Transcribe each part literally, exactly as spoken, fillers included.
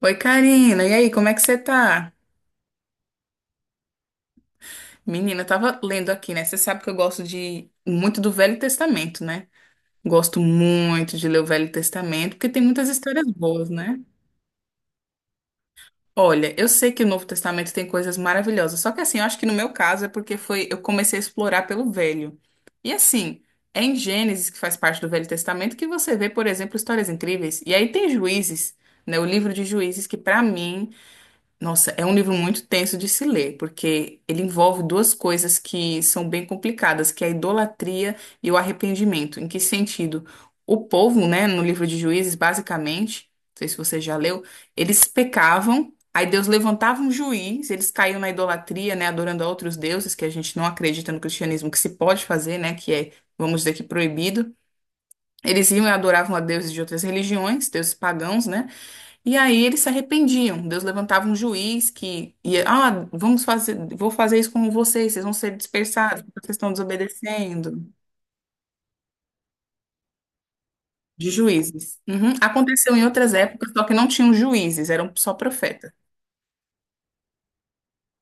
Oi, Karina. E aí, como é que você tá? Menina, eu tava lendo aqui, né? Você sabe que eu gosto de muito do Velho Testamento, né? Gosto muito de ler o Velho Testamento, porque tem muitas histórias boas, né? Olha, eu sei que o Novo Testamento tem coisas maravilhosas, só que assim, eu acho que no meu caso é porque foi, eu comecei a explorar pelo Velho. E assim, é em Gênesis, que faz parte do Velho Testamento, que você vê, por exemplo, histórias incríveis. E aí tem Juízes, né? O livro de Juízes, que pra mim Nossa, é um livro muito tenso de se ler, porque ele envolve duas coisas que são bem complicadas, que é a idolatria e o arrependimento. Em que sentido? O povo, né, no livro de Juízes, basicamente, não sei se você já leu, eles pecavam, aí Deus levantava um juiz, eles caíam na idolatria, né, adorando a outros deuses, que a gente não acredita no cristianismo que se pode fazer, né, que é, vamos dizer, que proibido. Eles iam e adoravam a deuses de outras religiões, deuses pagãos, né? E aí eles se arrependiam. Deus levantava um juiz que ia, ah, vamos fazer, vou fazer isso com vocês, vocês vão ser dispersados, porque vocês estão desobedecendo. De juízes. Uhum. Aconteceu em outras épocas, só que não tinham juízes, eram só profetas.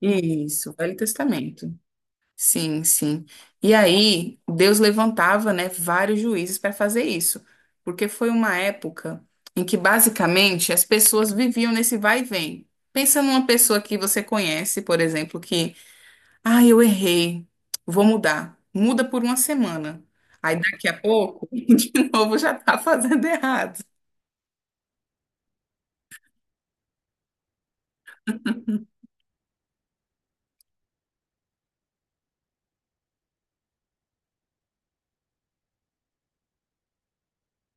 Isso, Velho Testamento. Sim, sim. E aí Deus levantava, né, vários juízes para fazer isso, porque foi uma época em que basicamente as pessoas viviam nesse vai e vem. Pensa numa pessoa que você conhece, por exemplo, que ah, eu errei. Vou mudar. Muda por uma semana. Aí daqui a pouco, de novo, já tá fazendo errado.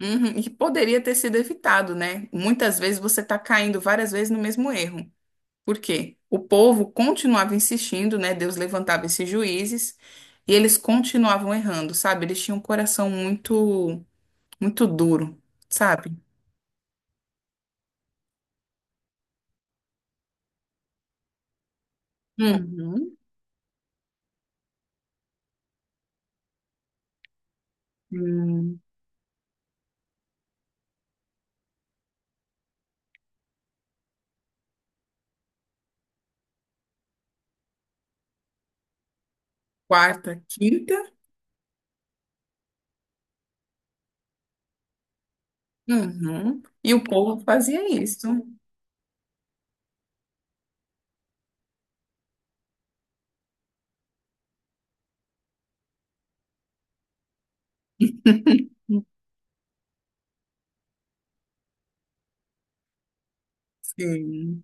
Uhum. E poderia ter sido evitado, né? Muitas vezes você está caindo várias vezes no mesmo erro. Por quê? O povo continuava insistindo, né? Deus levantava esses juízes e eles continuavam errando, sabe? Eles tinham um coração muito, muito duro, sabe? Uhum. Hum. Quarta, quinta. Uhum. E o povo fazia isso. Sim.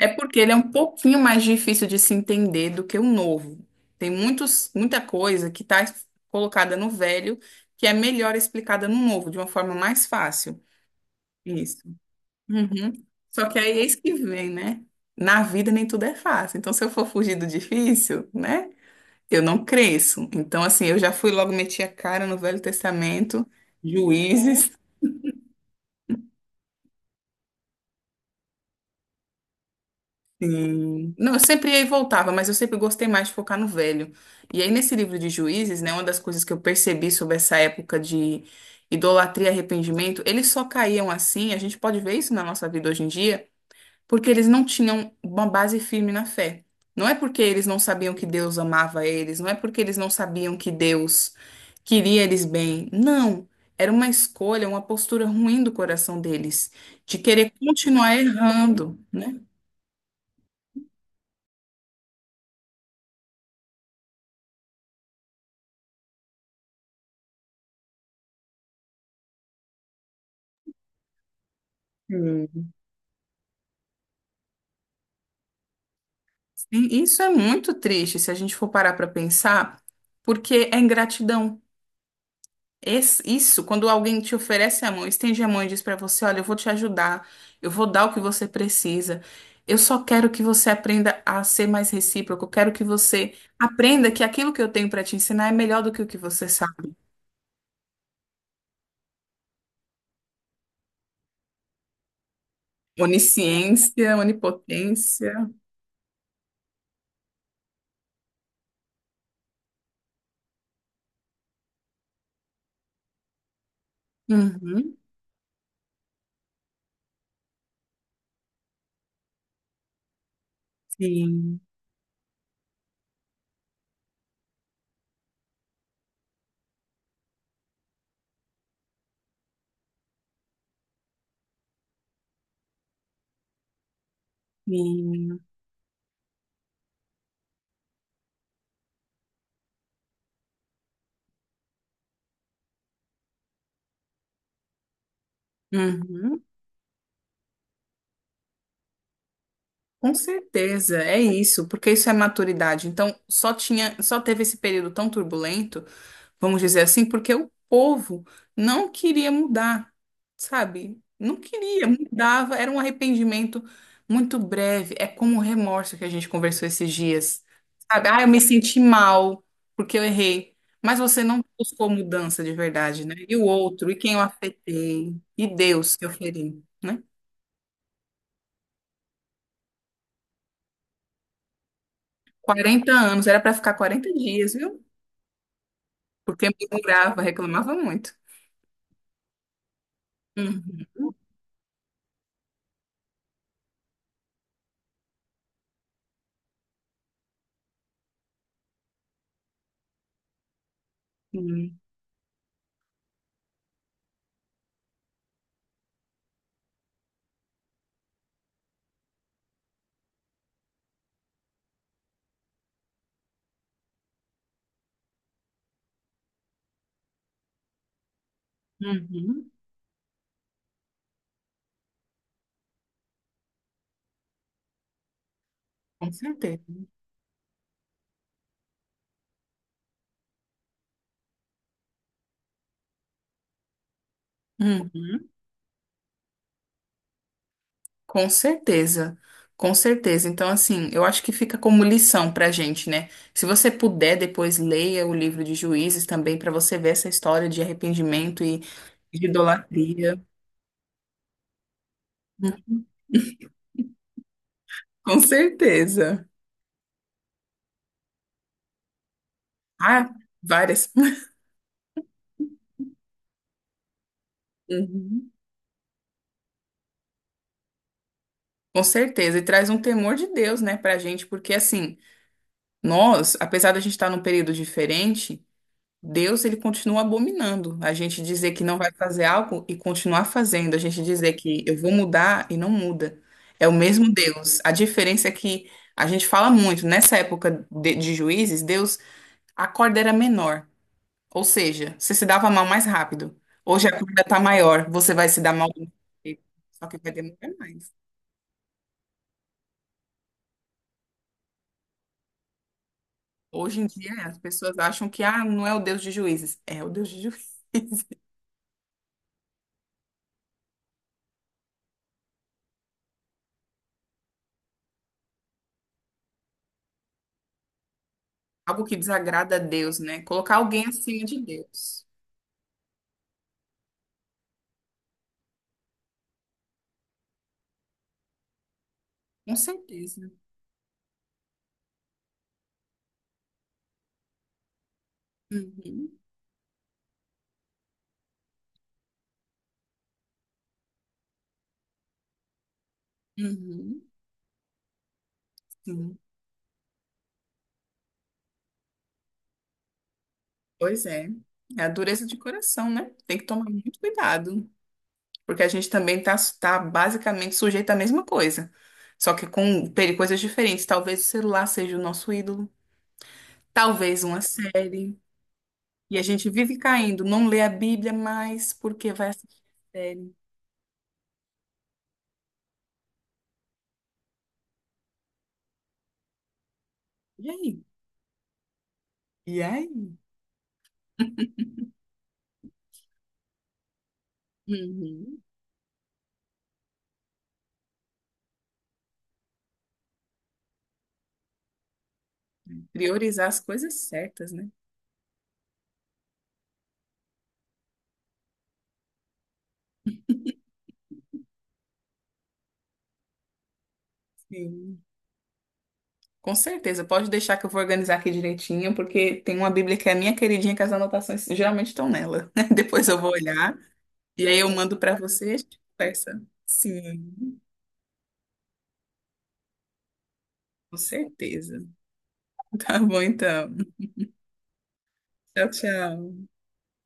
É porque ele é um pouquinho mais difícil de se entender do que o novo. Tem muitos, muita coisa que está colocada no velho que é melhor explicada no novo, de uma forma mais fácil. Isso. Uhum. Só que aí é isso que vem, né? Na vida nem tudo é fácil. Então, se eu for fugir do difícil, né? Eu não cresço. Então, assim, eu já fui logo, meti a cara no Velho Testamento, Juízes. Sim. Não, eu sempre ia e voltava, mas eu sempre gostei mais de focar no velho. E aí, nesse livro de Juízes, né, uma das coisas que eu percebi sobre essa época de idolatria e arrependimento, eles só caíam assim, a gente pode ver isso na nossa vida hoje em dia, porque eles não tinham uma base firme na fé. Não é porque eles não sabiam que Deus amava eles, não é porque eles não sabiam que Deus queria eles bem. Não. Era uma escolha, uma postura ruim do coração deles, de querer continuar errando, né? E isso é muito triste se a gente for parar para pensar, porque é ingratidão. Esse- isso, quando alguém te oferece a mão, estende a mão e diz para você: olha, eu vou te ajudar, eu vou dar o que você precisa. Eu só quero que você aprenda a ser mais recíproco. Eu quero que você aprenda que aquilo que eu tenho para te ensinar é melhor do que o que você sabe. Onisciência, onipotência. Uhum. Sim, sim. Uhum. Com certeza, é isso, porque isso é maturidade. Então, só tinha, só teve esse período tão turbulento, vamos dizer assim, porque o povo não queria mudar, sabe? Não queria, mudava, era um arrependimento muito breve, é como o remorso que a gente conversou esses dias, sabe? Ah, eu me senti mal porque eu errei, mas você não buscou mudança de verdade, né? E o outro, e quem eu afetei, e Deus que eu feri, né? Quarenta anos, era para ficar quarenta dias, viu? Porque me murava, reclamava muito. Uhum. Uhum. Com certeza. Uhum. Com certeza. Com certeza. Então, assim, eu acho que fica como lição pra gente, né? Se você puder, depois leia o livro de Juízes também para você ver essa história de arrependimento e de idolatria. Com certeza. Ah, várias. Uhum. Com certeza. E traz um temor de Deus, né, pra gente, porque assim, nós, apesar da gente estar num período diferente, Deus, ele continua abominando. A gente dizer que não vai fazer algo e continuar fazendo. A gente dizer que eu vou mudar e não muda. É o mesmo Deus. A diferença é que a gente fala muito, nessa época de, de juízes, Deus, a corda era menor. Ou seja, você se dava mal mais rápido. Hoje a corda tá maior, você vai se dar mal do mesmo jeito, só que vai demorar mais. Hoje em dia, as pessoas acham que, ah, não é o Deus de juízes. É o Deus de juízes. Algo que desagrada a Deus, né? Colocar alguém acima de Deus. Com certeza. Uhum, uhum, sim. Pois é. É a dureza de coração, né? Tem que tomar muito cuidado, porque a gente também tá, tá basicamente sujeito à mesma coisa, só que com peri- coisas diferentes. Talvez o celular seja o nosso ídolo, talvez uma série. E a gente vive caindo, não lê a Bíblia mais porque vai assistir série. E aí? E aí? Uhum. Priorizar as coisas certas, né? Sim. Com certeza, pode deixar que eu vou organizar aqui direitinho, porque tem uma Bíblia que é minha queridinha, que as anotações geralmente estão nela. Depois eu vou olhar e aí eu mando para vocês. E conversa. Sim, com certeza. Tá bom então. Tchau, tchau.